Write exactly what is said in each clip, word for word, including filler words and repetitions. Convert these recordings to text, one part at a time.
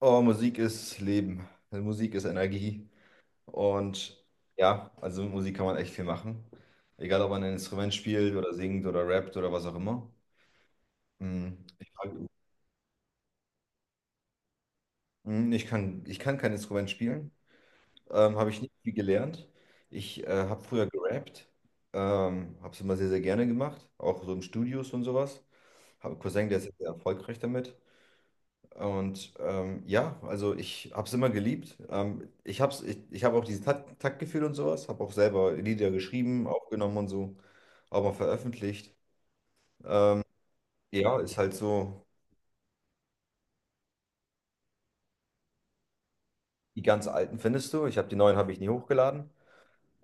Oh, Musik ist Leben. Also Musik ist Energie. Und ja, also mit Musik kann man echt viel machen. Egal, ob man ein Instrument spielt oder singt oder rappt oder was auch immer. Hm, Ich, frag- Hm, ich kann, ich kann kein Instrument spielen. Ähm, habe ich nicht viel gelernt. Ich äh, habe früher gerappt. Ähm, habe es immer sehr, sehr gerne gemacht. Auch so in Studios und sowas. Habe einen Cousin, der ist sehr erfolgreich damit. Und ähm, ja, also ich habe es immer geliebt. Ähm, ich habe ich, ich hab auch dieses Takt, Taktgefühl und sowas, habe auch selber Lieder geschrieben, aufgenommen und so, auch mal veröffentlicht. Ja, ist halt so, die ganz alten findest du. Ich habe Die neuen habe ich nie hochgeladen.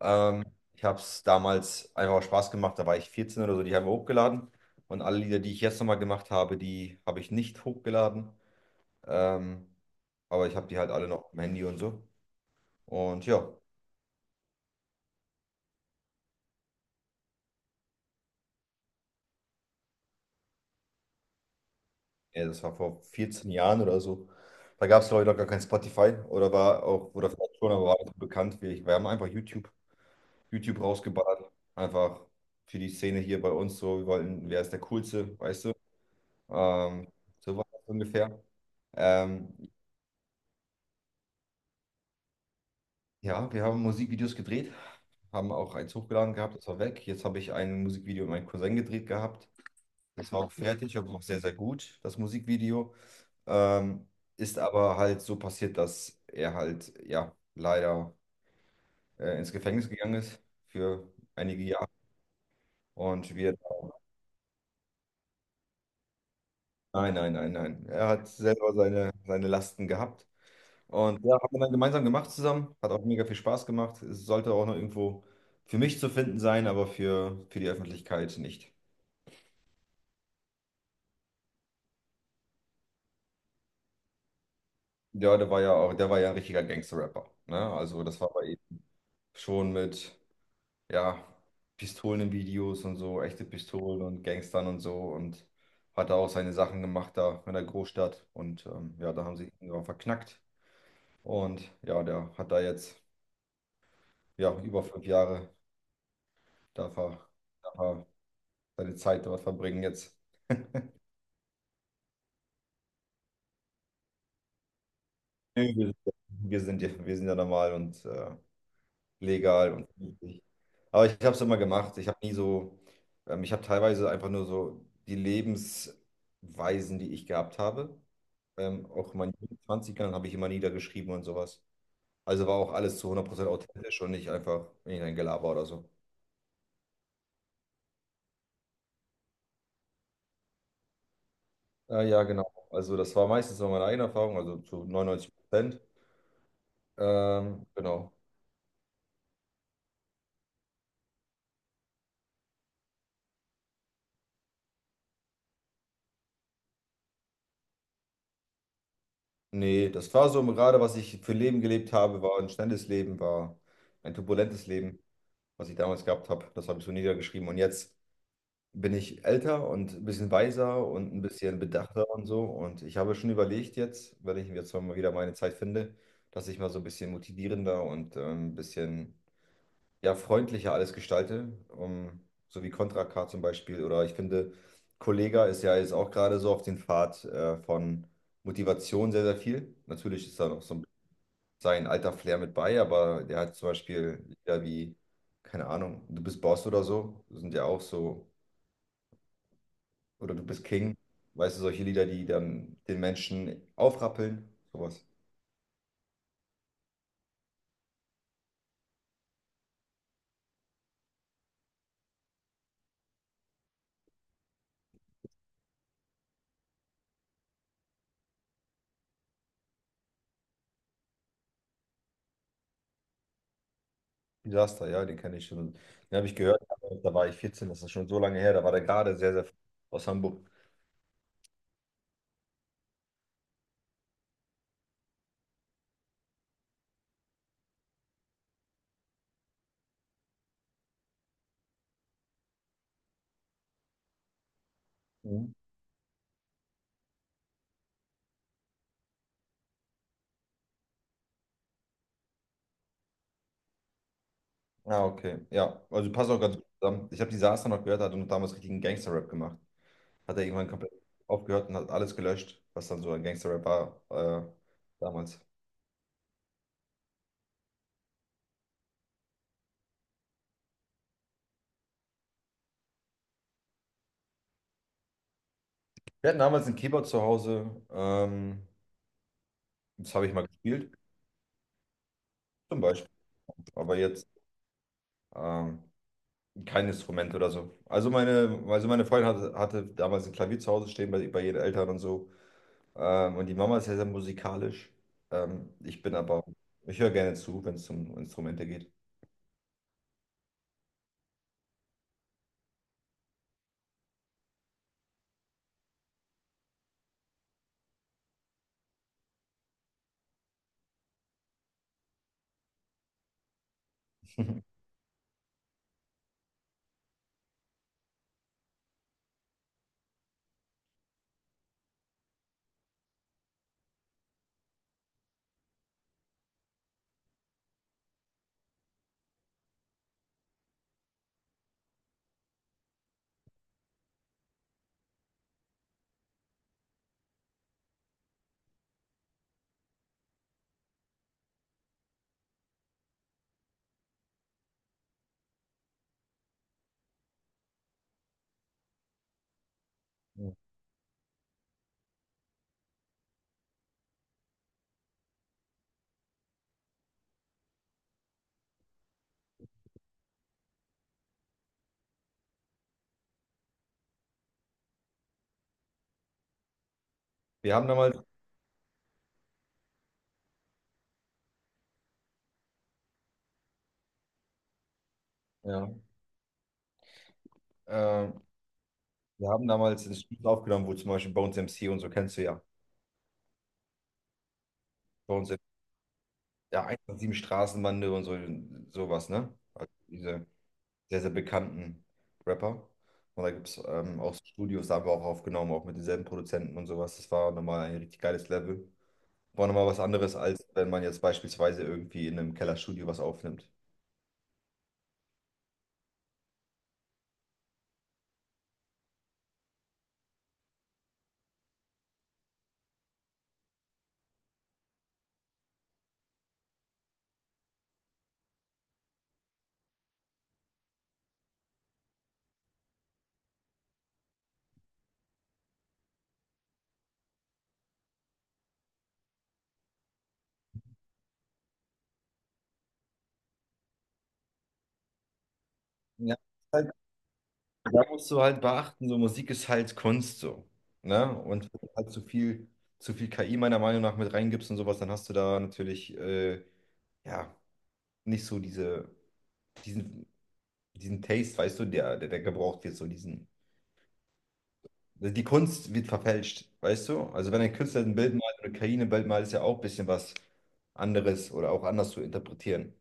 Ähm, Ich habe es damals einfach aus Spaß gemacht, da war ich vierzehn oder so, die haben wir hochgeladen. Und alle Lieder, die ich jetzt nochmal gemacht habe, die habe ich nicht hochgeladen. Ähm, aber ich habe die halt alle noch im Handy und so. Und ja. Ja, das war vor vierzehn Jahren oder so. Da gab es, glaube ich, noch gar kein Spotify oder war auch, oder vielleicht schon, aber war nicht so bekannt wie ich. Wir haben einfach YouTube, YouTube rausgeballert. Einfach für die Szene hier bei uns so. Wir wollten, wer ist der Coolste, weißt du? Ähm, so war das ungefähr. Ähm, ja, wir haben Musikvideos gedreht, haben auch eins hochgeladen gehabt, das war weg. Jetzt habe ich ein Musikvideo mit meinem Cousin gedreht gehabt. Das war auch fertig, aber auch sehr, sehr gut, das Musikvideo. Ähm, Ist aber halt so passiert, dass er halt, ja, leider äh, ins Gefängnis gegangen ist für einige Jahre. Und wir, nein, nein, nein, nein. Er hat selber seine, seine Lasten gehabt. Und ja, haben wir dann gemeinsam gemacht zusammen. Hat auch mega viel Spaß gemacht. Es sollte auch noch irgendwo für mich zu finden sein, aber für, für die Öffentlichkeit nicht. Ja, der war ja auch, der war ja ein richtiger Gangster-Rapper. Ne? Also das war bei ihm schon mit, ja, Pistolen in Videos und so, echte Pistolen und Gangstern und so und hat da auch seine Sachen gemacht da in der Großstadt und ähm, ja, da haben sie ihn drauf verknackt und ja, der hat da jetzt ja über fünf Jahre darf er, darf er seine Zeit dort verbringen jetzt. Nö, Wir sind, wir sind ja, wir sind ja normal und äh, legal und vernünftig. Aber ich habe es immer gemacht. Ich habe nie so, ähm, Ich habe teilweise einfach nur so die Lebensweisen, die ich gehabt habe. Ähm, auch in meinen Zwanzigern habe ich immer niedergeschrieben und sowas. Also war auch alles zu hundert Prozent authentisch und nicht einfach irgendein Gelaber oder so. Äh, ja, genau. Also das war meistens so meine eigene Erfahrung, also zu neunundneunzig Prozent. Ähm, genau. Nee, das war so gerade, was ich für Leben gelebt habe, war ein schnelles Leben, war ein turbulentes Leben, was ich damals gehabt habe. Das habe ich so niedergeschrieben. Und jetzt bin ich älter und ein bisschen weiser und ein bisschen bedachter und so. Und ich habe schon überlegt jetzt, wenn ich jetzt mal wieder meine Zeit finde, dass ich mal so ein bisschen motivierender und ähm, ein bisschen ja, freundlicher alles gestalte. Um, so wie Contra K zum Beispiel. Oder ich finde, Kollega ist ja jetzt auch gerade so auf den Pfad äh, von Motivation sehr, sehr viel. Natürlich ist da noch so ein sein alter Flair mit bei, aber der hat zum Beispiel Lieder wie, keine Ahnung, Du bist Boss oder so, sind ja auch so, oder Du bist King, weißt du, solche Lieder, die dann den Menschen aufrappeln, sowas. Disaster, ja, den kenne ich schon. Den habe ich gehört, aber da war ich vierzehn, das ist schon so lange her, da war der gerade sehr, sehr aus Hamburg. Mhm. Ah, okay. Ja, also passt auch ganz gut zusammen. Ich habe Disaster noch gehört, hat und damals richtigen Gangster-Rap gemacht. Hat er irgendwann komplett aufgehört und hat alles gelöscht, was dann so ein Gangster-Rap war äh, damals. Wir hatten damals einen Keyboard zu Hause. Ähm, das habe ich mal gespielt, zum Beispiel. Aber jetzt ähm, kein Instrument oder so. Also meine, also meine Freundin hatte, hatte damals ein Klavier zu Hause stehen bei, bei ihren Eltern und so. Ähm, und die Mama ist sehr, sehr musikalisch. Ähm, ich bin aber, Ich höre gerne zu, wenn es um Instrumente geht. Wir haben damals, ja, ähm, wir haben damals ein Studio aufgenommen, wo zum Beispiel Bones M C und so kennst du ja. Bones M C, ja, eins acht sieben Straßenbande und so, sowas, ne? Also diese sehr, sehr bekannten Rapper. Und da gibt es ähm, auch so Studios, da haben wir auch aufgenommen, auch mit denselben Produzenten und sowas. Das war nochmal ein richtig geiles Level. War nochmal was anderes, als wenn man jetzt beispielsweise irgendwie in einem Kellerstudio was aufnimmt. Ja, halt, da musst du halt beachten, so Musik ist halt Kunst so. Ne? Und wenn du halt zu viel, zu viel K I meiner Meinung nach mit reingibst und sowas, dann hast du da natürlich äh, ja nicht so diese, diesen, diesen Taste, weißt du, der, der, der gebraucht wird. so diesen Die Kunst wird verfälscht, weißt du? Also wenn ein Künstler ein Bild malt oder Karine ein Bild malt, ist ja auch ein bisschen was anderes oder auch anders zu interpretieren.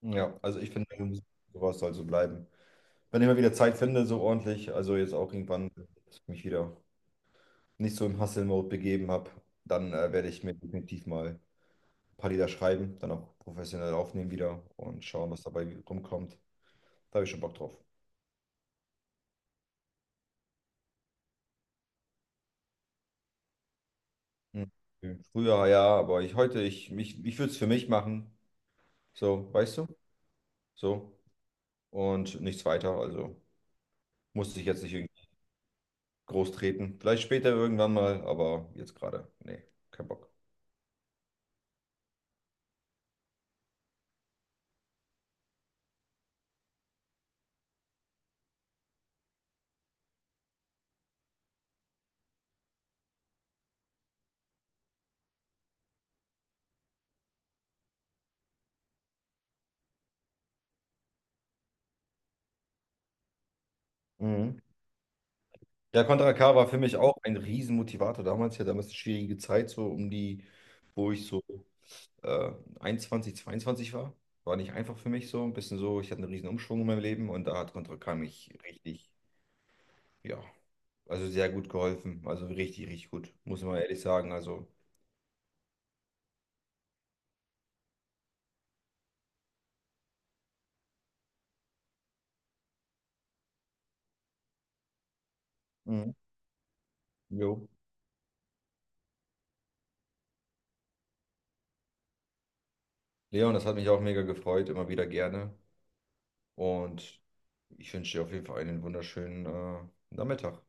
Ja, also ich finde, sowas soll so bleiben. Wenn ich mal wieder Zeit finde, so ordentlich, also jetzt auch irgendwann, wenn ich mich wieder nicht so im Hustle-Mode begeben habe, dann äh, werde ich mir definitiv mal ein paar Lieder schreiben, dann auch professionell aufnehmen wieder und schauen, was dabei rumkommt. Da habe ich schon Bock drauf. Hm. Früher ja, aber ich heute, ich, mich, ich würde es für mich machen. So, weißt du? So, und nichts weiter. Also musste ich jetzt nicht irgendwie groß treten. Vielleicht später irgendwann mal, aber jetzt gerade, nee, kein Bock. Mhm. Ja, Contra K war für mich auch ein Riesenmotivator damals. Ja, damals eine schwierige Zeit, so um die, wo ich so äh, einundzwanzig, zweiundzwanzig war. War nicht einfach für mich so. Ein bisschen so, ich hatte einen riesen Umschwung in meinem Leben und da hat Contra K mich richtig, ja, also sehr gut geholfen. Also richtig, richtig gut, muss man ehrlich sagen. Also, mhm. Jo. Leon, das hat mich auch mega gefreut, immer wieder gerne. Und ich wünsche dir auf jeden Fall einen wunderschönen äh, Nachmittag.